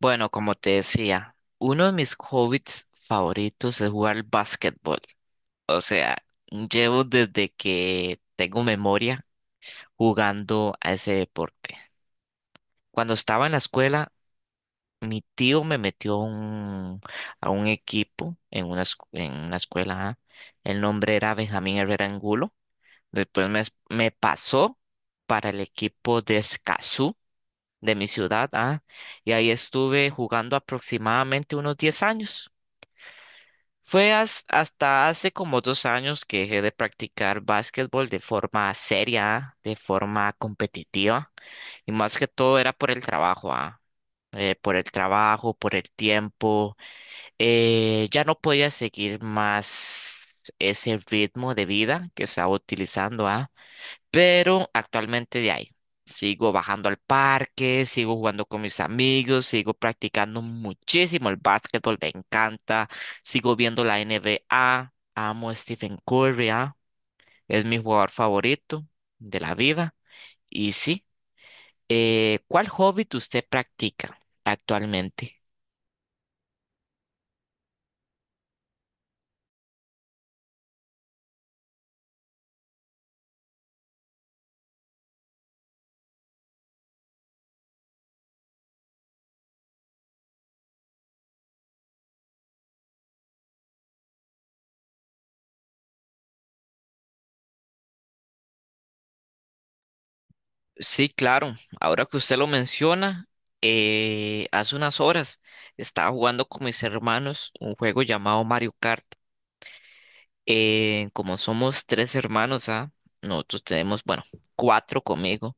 Bueno, como te decía, uno de mis hobbies favoritos es jugar al básquetbol. O sea, llevo desde que tengo memoria jugando a ese deporte. Cuando estaba en la escuela, mi tío me metió a a un equipo en en una escuela. Ajá. El nombre era Benjamín Herrera Angulo. Después me, me pasó para el equipo de Escazú, de mi ciudad. Ah, Y ahí estuve jugando aproximadamente unos 10 años. Fue hasta hace como 2 años que dejé de practicar básquetbol de forma seria, de forma competitiva, y más que todo era por el trabajo, por el trabajo, por el tiempo. Ya no podía seguir más ese ritmo de vida que estaba utilizando, ah, pero actualmente de ahí. Sigo bajando al parque, sigo jugando con mis amigos, sigo practicando muchísimo el básquetbol, me encanta. Sigo viendo la NBA, amo a Stephen Curry. Ah, Es mi jugador favorito de la vida. Y sí, ¿cuál hobby que usted practica actualmente? Sí, claro, ahora que usted lo menciona, hace unas horas estaba jugando con mis hermanos un juego llamado Mario Kart. Como somos tres hermanos, ¿ah? Nosotros tenemos, bueno, cuatro conmigo.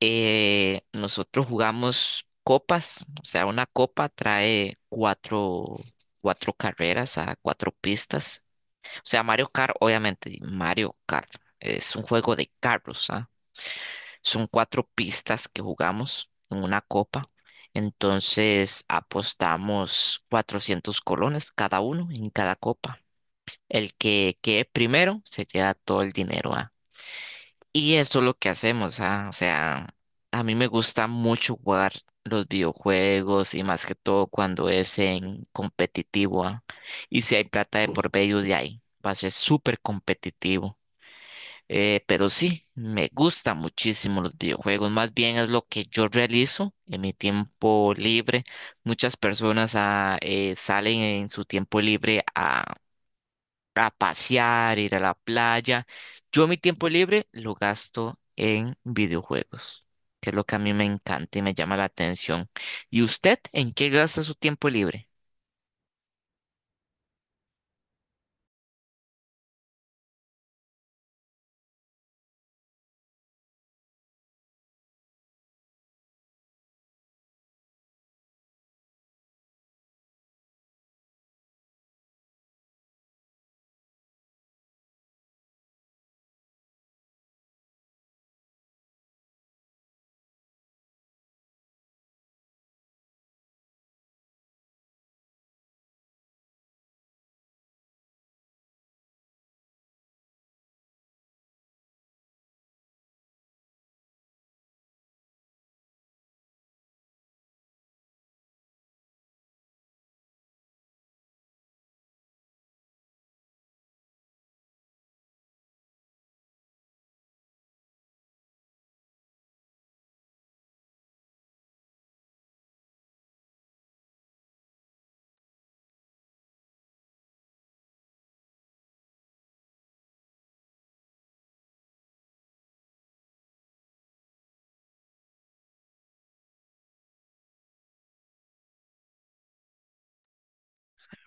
Nosotros jugamos copas, o sea, una copa trae cuatro carreras a cuatro pistas. O sea, Mario Kart, obviamente, Mario Kart es un juego de carros, ¿ah? Son cuatro pistas que jugamos en una copa. Entonces apostamos 400 colones cada uno en cada copa. El que quede primero se queda todo el dinero, ¿ah? Y eso es lo que hacemos, ¿ah? O sea, a mí me gusta mucho jugar los videojuegos y más que todo cuando es en competitivo, ¿ah? Y si hay plata de por medio de ahí, va a ser súper competitivo. Pero sí, me gusta muchísimo los videojuegos, más bien es lo que yo realizo en mi tiempo libre. Muchas personas salen en su tiempo libre a pasear, ir a la playa. Yo mi tiempo libre lo gasto en videojuegos, que es lo que a mí me encanta y me llama la atención. ¿Y usted en qué gasta su tiempo libre?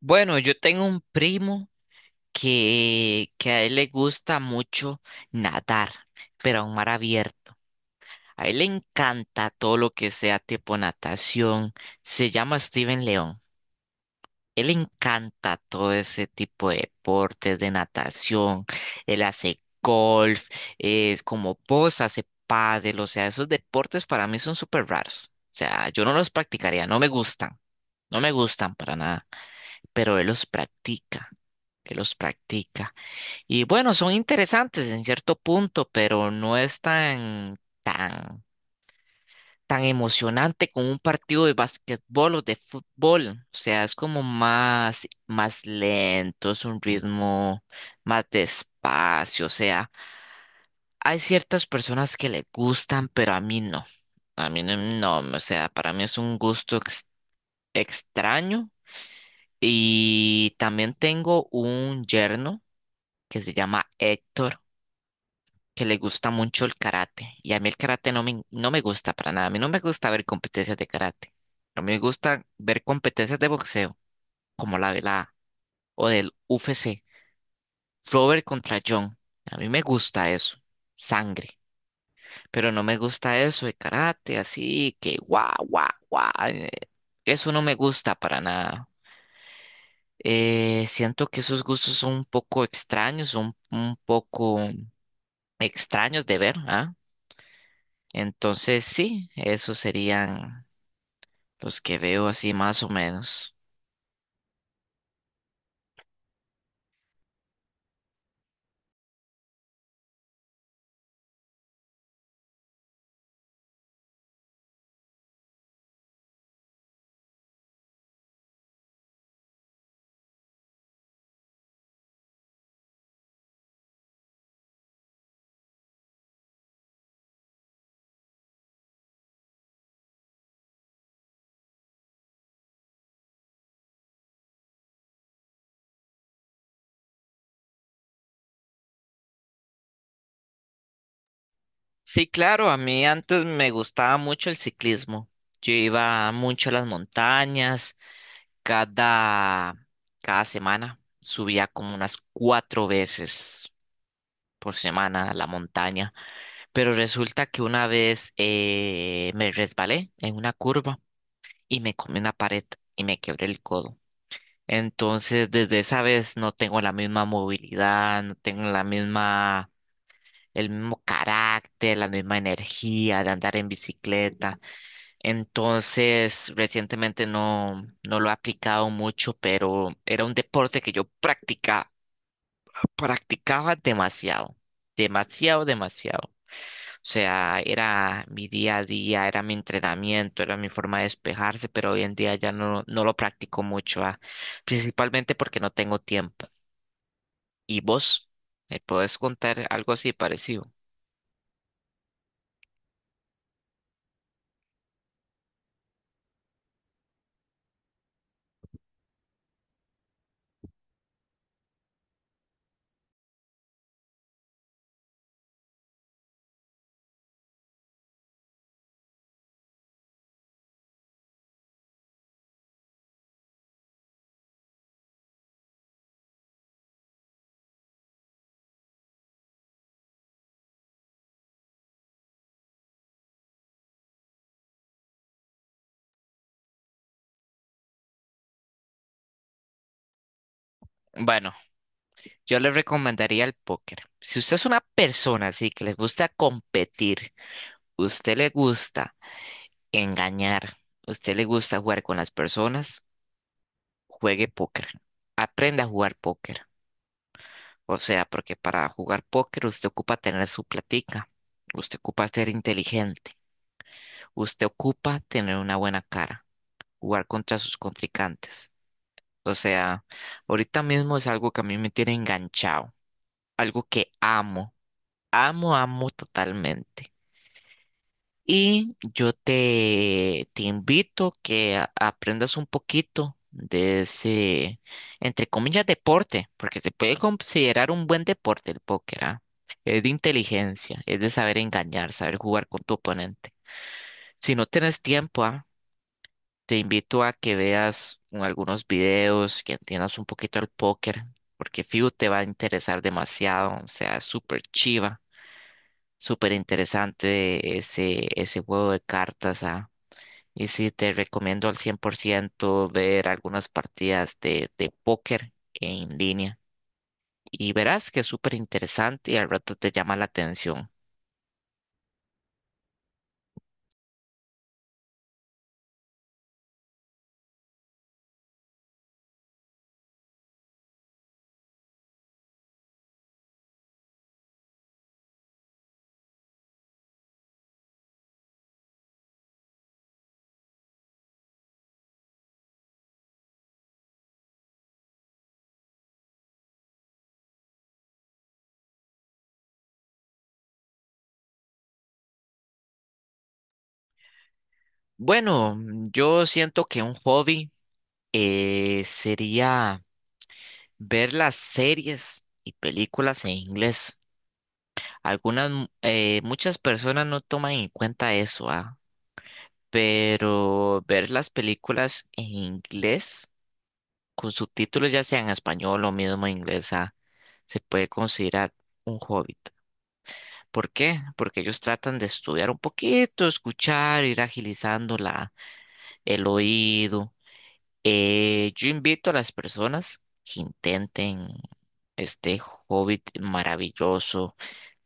Bueno, yo tengo un primo que a él le gusta mucho nadar, pero a un mar abierto. A él le encanta todo lo que sea tipo natación. Se llama Steven León. Él le encanta todo ese tipo de deportes, de natación, él hace golf, es como vos hace pádel, o sea, esos deportes para mí son súper raros. O sea, yo no los practicaría, no me gustan, no me gustan para nada, pero él los practica, él los practica. Y bueno, son interesantes en cierto punto, pero no es tan tan emocionante como un partido de basquetbol o de fútbol. O sea, es como más, más lento, es un ritmo más despacio. O sea, hay ciertas personas que le gustan, pero a mí no. A mí no, no, o sea, para mí es un gusto extraño. Y también tengo un yerno que se llama Héctor que le gusta mucho el karate. Y a mí el karate no me gusta para nada. A mí no me gusta ver competencias de karate. A mí me gusta ver competencias de boxeo, como la velada o del UFC. Robert contra John. A mí me gusta eso. Sangre. Pero no me gusta eso de karate, así que guau, guau, guau. Eso no me gusta para nada. Siento que esos gustos son un poco extraños, son un poco extraños de ver, ¿ah? Entonces, sí, esos serían los que veo así más o menos. Sí, claro, a mí antes me gustaba mucho el ciclismo. Yo iba mucho a las montañas, cada, cada semana subía como unas 4 veces por semana a la montaña, pero resulta que una vez me resbalé en una curva y me comí una pared y me quebré el codo. Entonces, desde esa vez no tengo la misma movilidad, no tengo la misma, el mismo carácter, la misma energía de andar en bicicleta. Entonces, recientemente no lo he aplicado mucho, pero era un deporte que yo practicaba demasiado. O sea, era mi día a día, era mi entrenamiento, era mi forma de despejarse, pero hoy en día ya no, no lo practico mucho. Ah, Principalmente porque no tengo tiempo. ¿Y vos? ¿Me podés contar algo así parecido? Bueno, yo le recomendaría el póker. Si usted es una persona así que le gusta competir, usted le gusta engañar, usted le gusta jugar con las personas, juegue póker, aprenda a jugar póker. O sea, porque para jugar póker usted ocupa tener su platica, usted ocupa ser inteligente, usted ocupa tener una buena cara, jugar contra sus contrincantes. O sea, ahorita mismo es algo que a mí me tiene enganchado, algo que amo, amo, amo totalmente. Y yo te invito que aprendas un poquito de ese, entre comillas, deporte, porque se puede considerar un buen deporte el póker, ¿ah? Es de inteligencia, es de saber engañar, saber jugar con tu oponente. Si no tienes tiempo, ¿ah? Te invito a que veas algunos videos, que entiendas un poquito el póker, porque fijo te va a interesar demasiado, o sea, es súper chiva, súper interesante ese juego de cartas, ¿ah? Y sí, te recomiendo al 100% ver algunas partidas de póker en línea. Y verás que es súper interesante y al rato te llama la atención. Bueno, yo siento que un hobby sería ver las series y películas en inglés. Muchas personas no toman en cuenta eso. Ah, Pero ver las películas en inglés con subtítulos, ya sea en español o mismo en inglesa, se puede considerar un hobbit. ¿Por qué? Porque ellos tratan de estudiar un poquito, escuchar, ir agilizando el oído. Yo invito a las personas que intenten este hobbit maravilloso,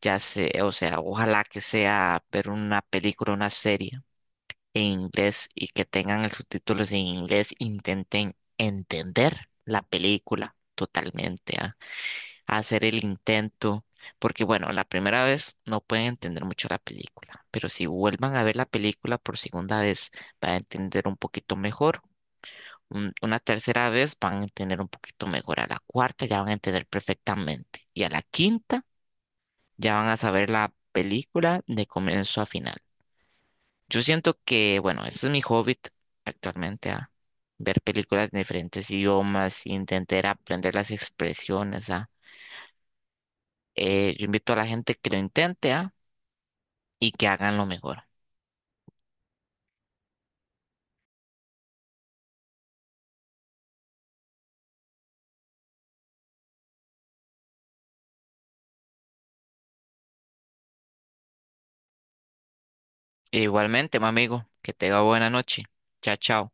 ya sea, o sea, ojalá que sea ver una película, una serie en inglés y que tengan el subtítulos en inglés, intenten entender la película totalmente, ¿ah? Hacer el intento, porque bueno, la primera vez no pueden entender mucho la película, pero si vuelvan a ver la película por segunda vez, van a entender un poquito mejor. Una tercera vez van a entender un poquito mejor, a la cuarta ya van a entender perfectamente y a la quinta ya van a saber la película de comienzo a final. Yo siento que, bueno, ese es mi hobby actualmente, a ver películas en diferentes idiomas, intentar aprender las expresiones, ¿ah? Yo invito a la gente que lo intente, ¿ah? Y que hagan lo mejor. E igualmente, mi amigo, que tenga buena noche. Chao, chao.